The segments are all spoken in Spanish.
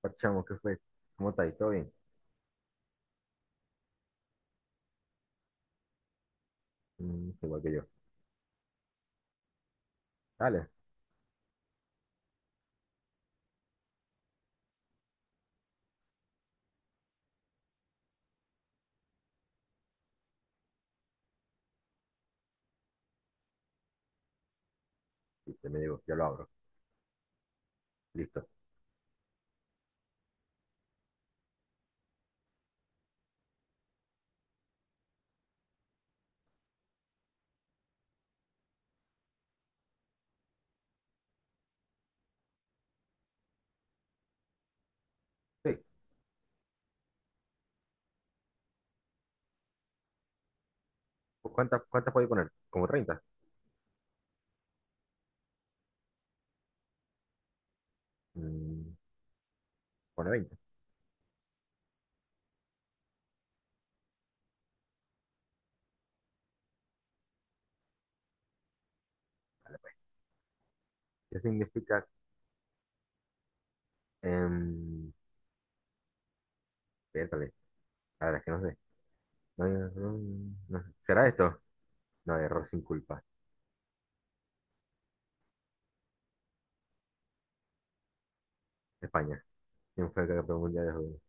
Parchamo, ¿qué fue? ¿Cómo estáis? ¿Todo bien? Igual que yo. Dale. Listo, me llegó, ya lo abro. Listo. Sí. Pues, ¿cuántas puedo poner? ¿Como treinta? Mm, pone veinte. Dale, pues. ¿Qué significa? em, Pértale. La verdad es que no sé. No, no, no, no sé. ¿Será esto? No, error sin culpa. España. ¿Quién fue el campeón mundial de juego?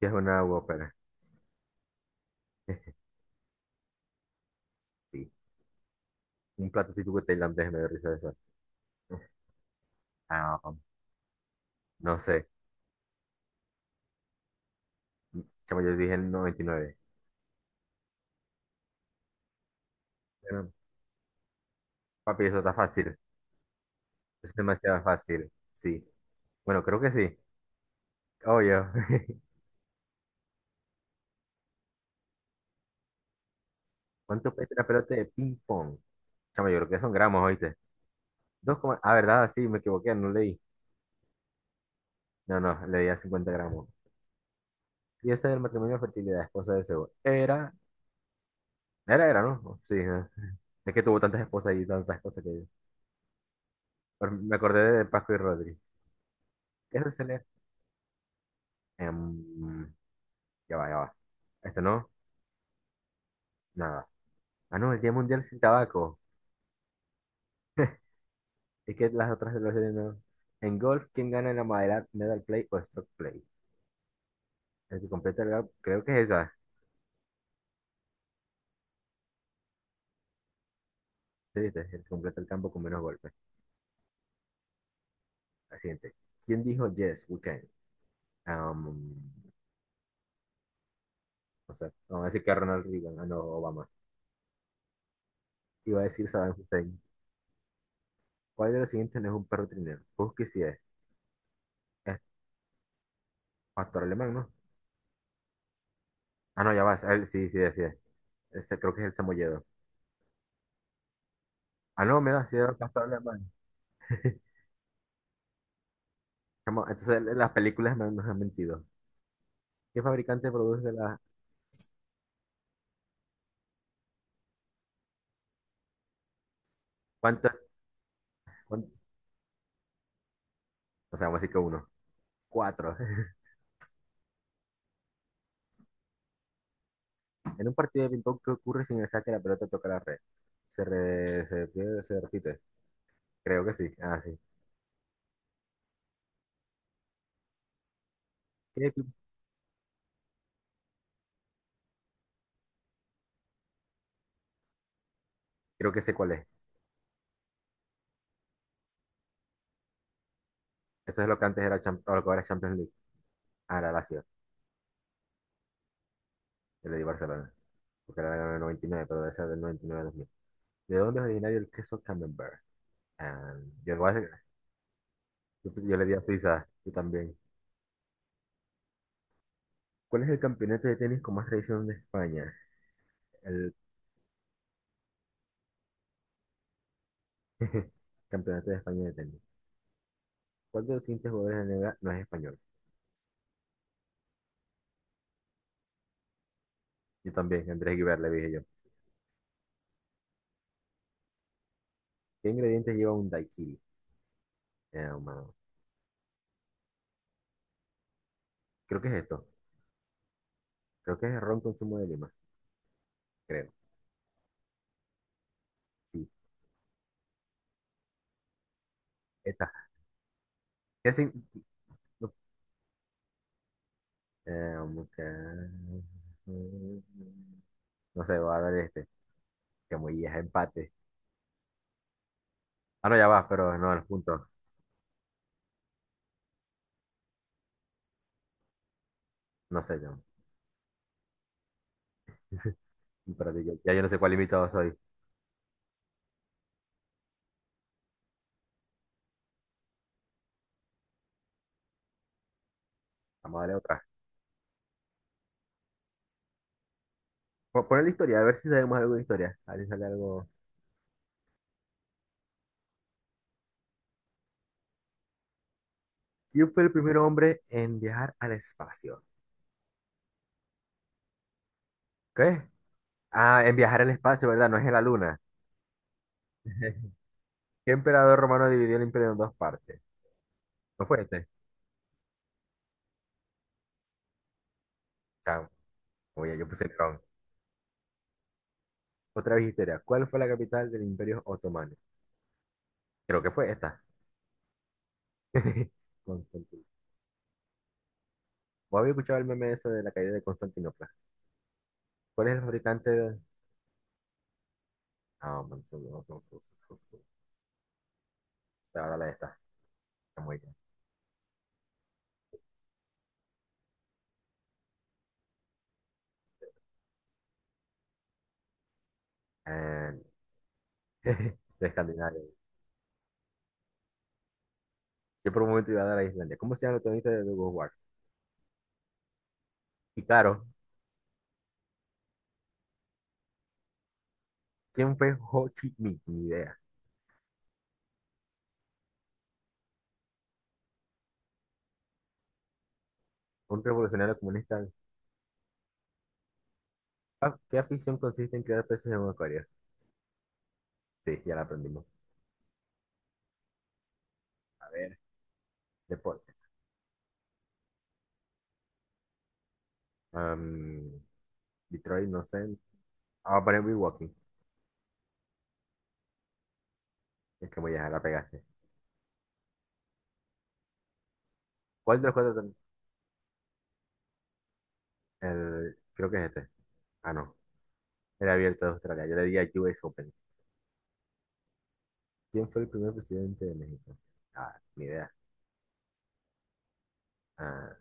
¿Qué es una ópera? Sí. Un plato típico tailandés me dio risa de eso. Ah, no sé. Chamo, yo dije el 99. Bueno, papi, eso está fácil. Es demasiado fácil, sí. Bueno, creo que sí. Oye, ¿cuánto pesa la pelota de ping pong? Chamo, yo creo que son gramos, ¿oíste? Dos coma. Ah, verdad, sí, me equivoqué, no leí. No, no, leí a 50 gramos. Y ese del matrimonio de fertilidad, esposa de Zeus. Era, ¿no? Oh, sí, ¿no? Es que tuvo tantas esposas y tantas cosas que yo. Pero me acordé de Paco y Rodri. ¿Qué se lee? Em, ya va, ya va. Este no, nada. Ah, no, el Día Mundial sin Tabaco. Es que las otras las series no. En golf, ¿quién gana en la madera, medal play o stroke play? El que completa el campo, creo que es esa. Sí, viste, el que completa el campo con menos golpes. La siguiente. ¿Quién dijo yes, we can? Um, o sea, vamos a decir que Ronald Reagan, ah, no, Obama. Iba a decir Saddam Hussein. ¿Cuál de los siguientes no es un perro trineo? Busque si es. Es pastor alemán, ¿no? Ah, no, ya vas. Él sí, sí, sí. Es. Este creo que es el samoyedo. Ah, no, mira, sí, era pastor alemán. Chamo, entonces, las películas nos han mentido. ¿Qué fabricante produce las? ¿Cuántas? O sea, vamos a decir que uno. Cuatro. En un partido de ping-pong, ¿qué ocurre si en el saque la pelota toca la red? ¿Se, re- se pierde- se repite? Creo que sí. Ah, sí. ¿Qué equipo? Creo que sé cuál es. Eso es lo que antes era, o lo que ahora es Champions League. Ah, la Lazio. El de Barcelona. Porque era del noventa y nueve, pero debe ser del noventa y nueve a dos mil. ¿De dónde es originario el queso Camembert? Ah, yo, lo voy a yo pues, yo le di a Suiza. Yo también. ¿Cuál es el campeonato de tenis con más tradición de España? El Campeonato de España de tenis. ¿Cuál de los siguientes jugadores de la NBA no es español? Yo también, Andrés Guibar, le dije yo. ¿Qué ingredientes lleva un daiquiri? Mano, creo que es esto. Creo que es ron con zumo de lima, creo. Sí, esta. ¿Qué sin? No. Eh, um, que- no sé, voy a dar este. Que muy es empate. Ah, no, ya va, pero no, los puntos. No sé, yo. Espérate, ya yo no sé cuál invitado soy. Vamos a darle otra. Poner la historia, a ver si sabemos algo de historia. A ver si sale algo. ¿Quién fue el primer hombre en viajar al espacio? ¿Qué? Ah, en viajar al espacio, ¿verdad? No es en la luna. ¿Qué emperador romano dividió el imperio en dos partes? ¿No fue este? Chamo, oye, yo puse Nerón. Otra vez histeria. ¿Cuál fue la capital del imperio otomano? Creo que fue esta. Constantinopla. ¿Vos habéis escuchado el meme ese de la caída de Constantinopla? ¿Cuál es el fabricante de? Ah, man, su- su- te va a dar la de esta. Está muy bien. Eh, de Escandinavia. Yo por un momento iba a dar a Islandia. ¿Cómo se llama el protagonista de The World War? Y claro, ¿quién fue Ho Chi Minh? Ni idea. Un revolucionario comunista. Ah, ¿qué afición consiste en crear peces en un acuario? Sí, ya la aprendimos. A ver, deporte. Am, Detroit, no sé. Ah, voy a poner Milwaukee. Es que voy a dejar, la pegaste. ¿Cuál de los cuatro? El, creo que es este. Ah, no. Era abierto de Australia. Yo le di a US Open. ¿Quién fue el primer presidente de México? Ah, ni idea. Ah,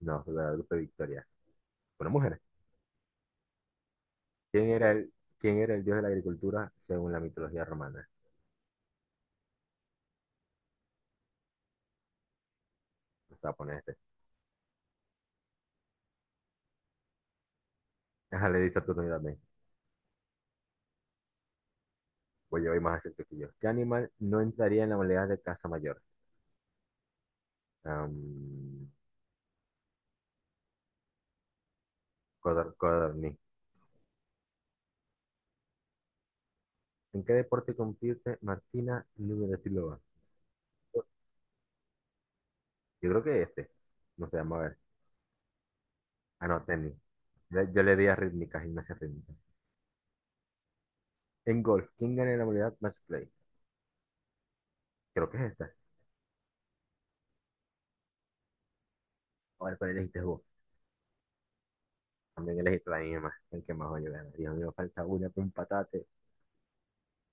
no, Guadalupe Victoria. Una mujer. ¿Quién era el dios de la agricultura según la mitología romana? Vamos a poner este. Ajá, le di Saturno también. Voy a ir más acerca que yo. ¿Qué animal no entraría en la modalidad de casa mayor? Am, codorniz. ¿En qué deporte compite Martina Navratilova? Yo creo que este. No sé, vamos a ver. Ah, no, tenis. Yo le di a rítmica, gimnasia rítmica. En golf, ¿quién gana en la modalidad match play? Creo que es esta. A ver, pero elegiste vos. También elegiste la misma. El que más yo ganar. Dios mío, falta una para un patate.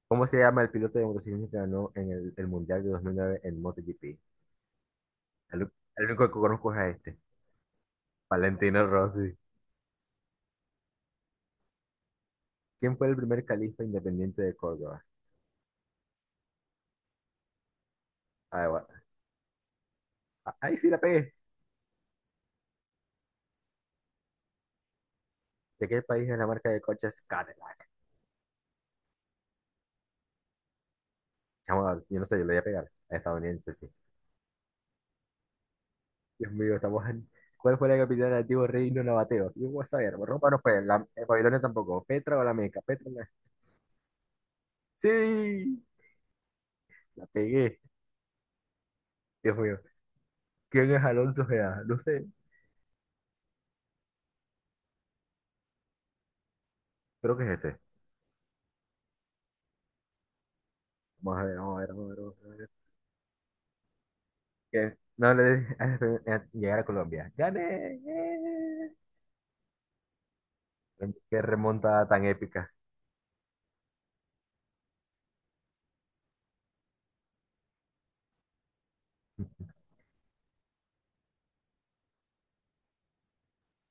¿Cómo se llama el piloto de motociclismo que ganó en el Mundial de 2009 en MotoGP? El, el único que conozco es a este. Valentino Rossi. ¿Quién fue el primer califa independiente de Córdoba? Ah, bueno. Ah, ahí sí la pegué. ¿De qué país es la marca de coches Cadillac? Chamo, yo no sé, yo le voy a pegar. Estadounidense, sí. Dios mío, estamos en. ¿Cuál fue la capital del antiguo reino nabateo? Yo voy a saber. Ropa no fue, Babilonia tampoco. Petra o la Meca. Petra la. ¡Sí! La pegué. Dios mío. ¿Quién es Alonso Gea? No sé. Creo que es este. Vamos a ver, vamos a ver, vamos a ver. Vamos a ver. ¿Qué? No le dije a llegar a Colombia. ¡Gané! ¡Eh! ¡Qué remontada tan épica!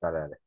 Dale, dale.